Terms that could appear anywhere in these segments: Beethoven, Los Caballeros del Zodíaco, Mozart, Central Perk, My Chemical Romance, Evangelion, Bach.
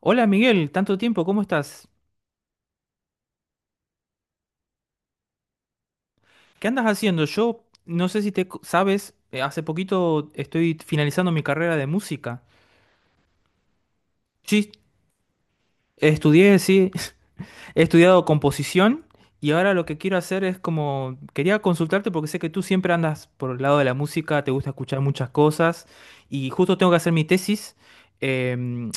Hola Miguel, tanto tiempo, ¿cómo estás? ¿Qué andas haciendo? Yo no sé si sabes, hace poquito estoy finalizando mi carrera de música. Sí, estudié, sí, he estudiado composición y ahora lo que quiero hacer es como, quería consultarte porque sé que tú siempre andas por el lado de la música, te gusta escuchar muchas cosas y justo tengo que hacer mi tesis em,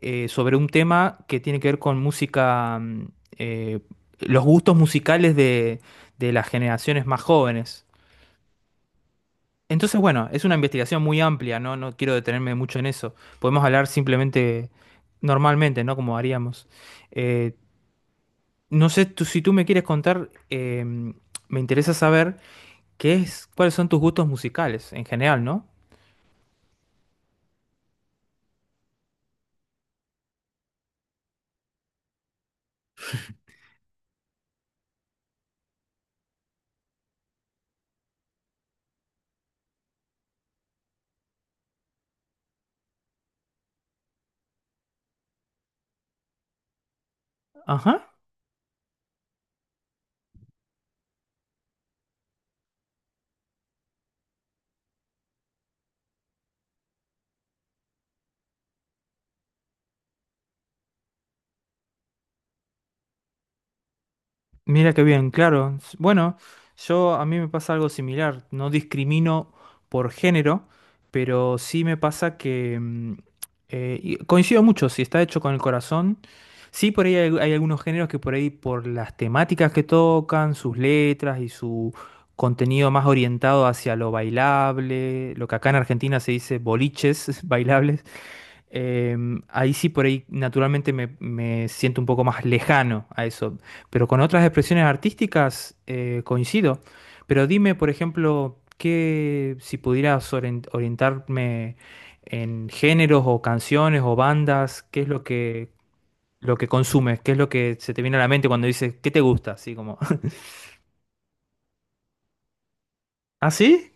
sobre un tema que tiene que ver con música, eh, los gustos musicales de las generaciones más jóvenes. Entonces, bueno, es una investigación muy amplia, ¿no? No quiero detenerme mucho en eso. Podemos hablar simplemente normalmente, ¿no? Como haríamos. Eh, no sé, si tú me quieres contar, me interesa saber cuáles son tus gustos musicales en general, ¿no? Ajá. Mira qué bien, claro. Bueno, yo a mí me pasa algo similar. No discrimino por género, pero sí me pasa que y coincido mucho. Si está hecho con el corazón, sí por ahí hay algunos géneros que por ahí por las temáticas que tocan, sus letras y su contenido más orientado hacia lo bailable, lo que acá en Argentina se dice boliches bailables. Ahí sí, por ahí naturalmente me siento un poco más lejano a eso, pero con otras expresiones artísticas coincido. Pero dime, por ejemplo, que si pudieras orientarme en géneros o canciones o bandas, ¿qué es lo que consumes? ¿Qué es lo que se te viene a la mente cuando dices, ¿qué te gusta? Así como, ¿ah, sí?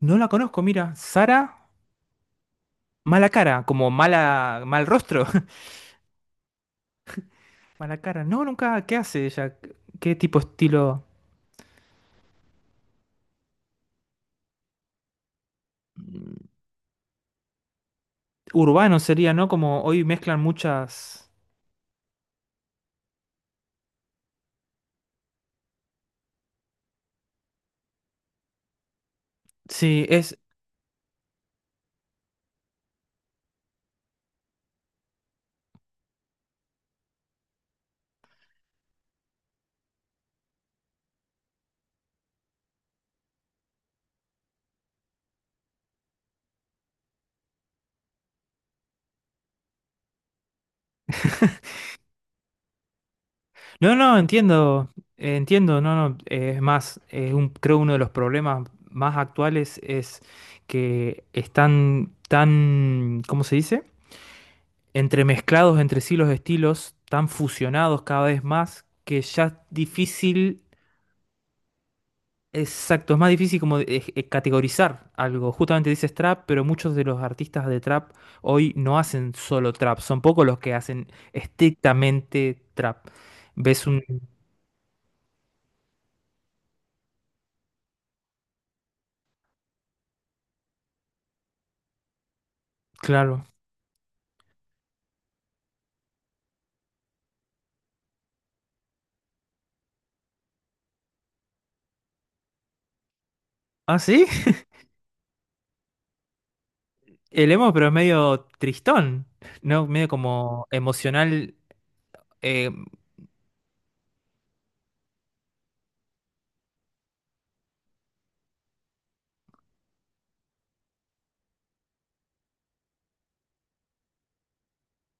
No la conozco, mira, Sara, mala cara, como mala, mal rostro. Mala cara, no, nunca, ¿qué hace ella? ¿Qué tipo de estilo? Urbano sería, ¿no? Como hoy mezclan muchas... Sí, es... No, no, entiendo, entiendo, no, no, es más, creo uno de los problemas más actuales es que están tan, ¿cómo se dice? Entremezclados entre sí los estilos, tan fusionados cada vez más, que ya es difícil. Exacto, es más difícil como categorizar algo. Justamente dices trap, pero muchos de los artistas de trap hoy no hacen solo trap, son pocos los que hacen estrictamente trap. Ves un... Claro. Ah, sí. El emo, pero es medio tristón, ¿no? Medio como emocional. eh,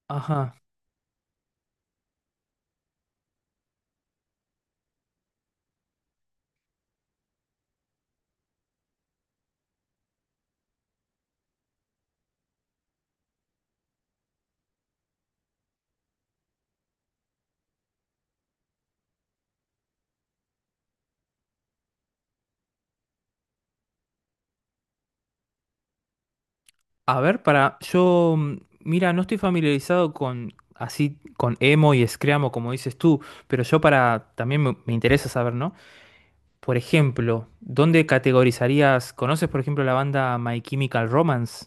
ajá. A ver, para... Yo, mira, no estoy familiarizado con... Así con emo y screamo, como dices tú, pero yo para también me interesa saber, ¿no? Por ejemplo, ¿dónde categorizarías? ¿Conoces, por ejemplo, la banda My Chemical Romance?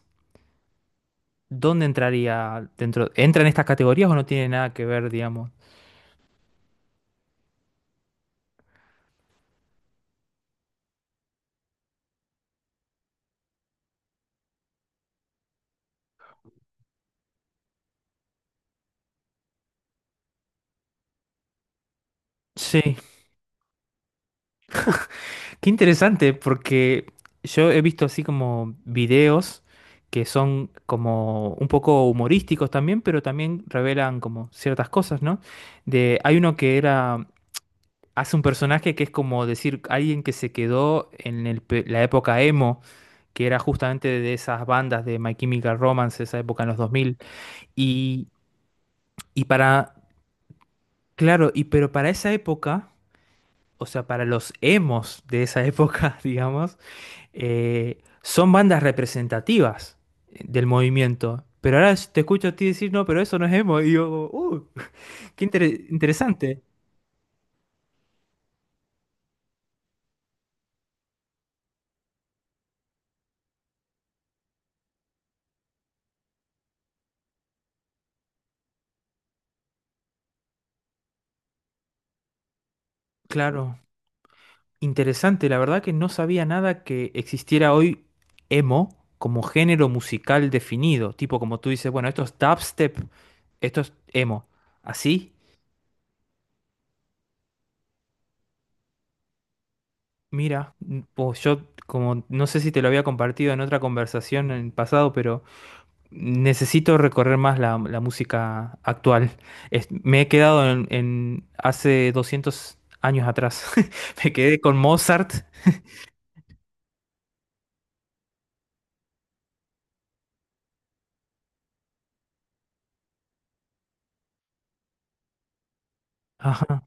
¿Dónde entraría dentro? ¿Entra en estas categorías o no tiene nada que ver, digamos? Sí, qué interesante, porque yo he visto así como videos que son como un poco humorísticos también, pero también revelan como ciertas cosas, ¿no? De, hay uno que era, hace un personaje que es como decir alguien que se quedó en el la época emo, que era justamente de esas bandas de My Chemical Romance, esa época en los 2000. Y, y para, claro, y pero para esa época, o sea, para los emos de esa época, digamos, son bandas representativas del movimiento. Pero ahora te escucho a ti decir, no, pero eso no es emo. Y yo, qué interesante. Claro. Interesante, la verdad que no sabía nada que existiera hoy emo como género musical definido, tipo como tú dices, bueno, esto es dubstep, esto es emo. ¿Así? Mira, pues yo como no sé si te lo había compartido en otra conversación en el pasado, pero necesito recorrer más la música actual. Me he quedado en hace 200 años atrás. Me quedé con Mozart. Ajá.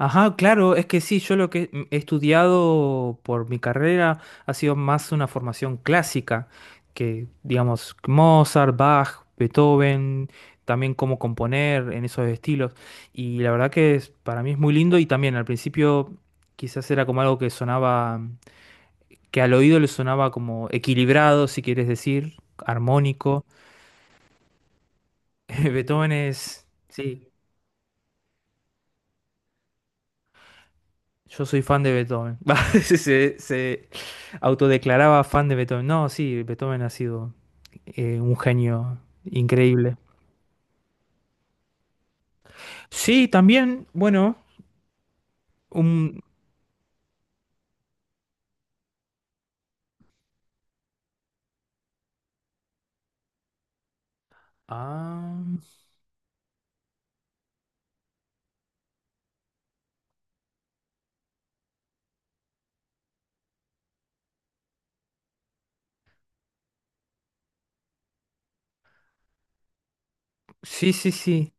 Ajá, claro, es que sí, yo lo que he estudiado por mi carrera ha sido más una formación clásica, que digamos Mozart, Bach, Beethoven, también cómo componer en esos estilos. Y la verdad que para mí es muy lindo y también al principio quizás era como algo que sonaba, que al oído le sonaba como equilibrado, si quieres decir, armónico. Beethoven es, sí. Yo soy fan de Beethoven. Va, se autodeclaraba fan de Beethoven. No, sí, Beethoven ha sido un genio increíble. Sí, también, bueno, un... Ah, sí, sí, sí.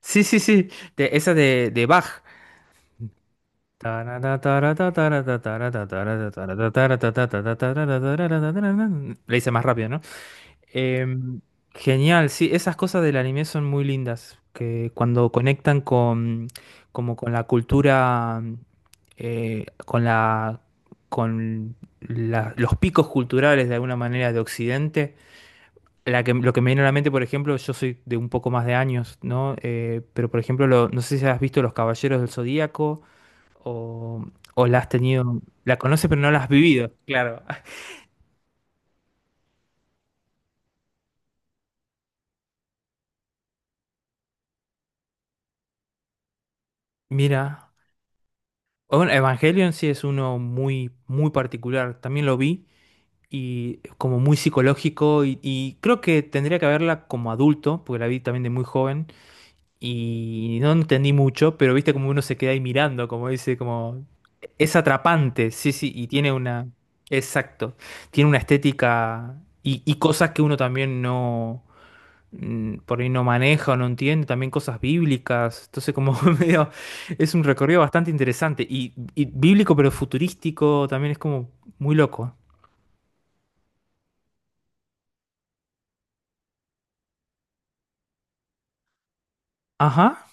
Sí, sí, sí. Esa de Bach. Le hice más rápido, ¿no? Em, genial, sí, esas cosas del anime son muy lindas, que cuando conectan con, como con la cultura, con la, con los picos culturales de alguna manera de Occidente. La que, lo que me viene a la mente, por ejemplo, yo soy de un poco más de años, ¿no? Pero por ejemplo, no sé si has visto Los Caballeros del Zodíaco o, o la has tenido, la conoces pero no la has vivido, claro. Mira. Bueno, Evangelion sí es uno muy, muy particular. También lo vi y como muy psicológico y creo que tendría que verla como adulto, porque la vi también de muy joven y no entendí mucho, pero viste como uno se queda ahí mirando, como dice, como es atrapante, sí, sí, y tiene una, exacto, tiene una estética y cosas que uno también no por ahí no maneja o no entiende, también cosas bíblicas. Entonces, como medio, es un recorrido bastante interesante. Y bíblico, pero futurístico, también es como muy loco. Ajá.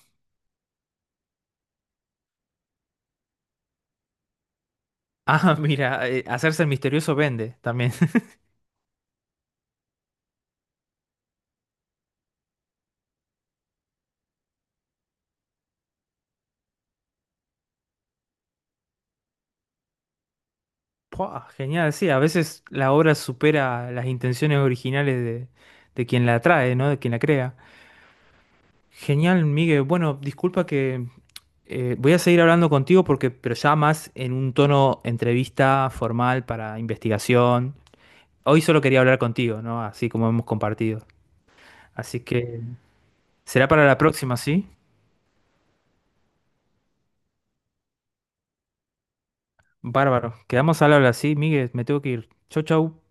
Ah, mira, hacerse el misterioso vende también. Puah, genial, sí, a veces la obra supera las intenciones originales de quien la trae, ¿no? De quien la crea. Genial, Miguel. Bueno, disculpa que voy a seguir hablando contigo porque, pero ya más en un tono entrevista formal para investigación. Hoy solo quería hablar contigo, ¿no? Así como hemos compartido. Así que será para la próxima, ¿sí? Bárbaro. Quedamos al habla, ¿sí? Miguel, me tengo que ir. Chau, chau.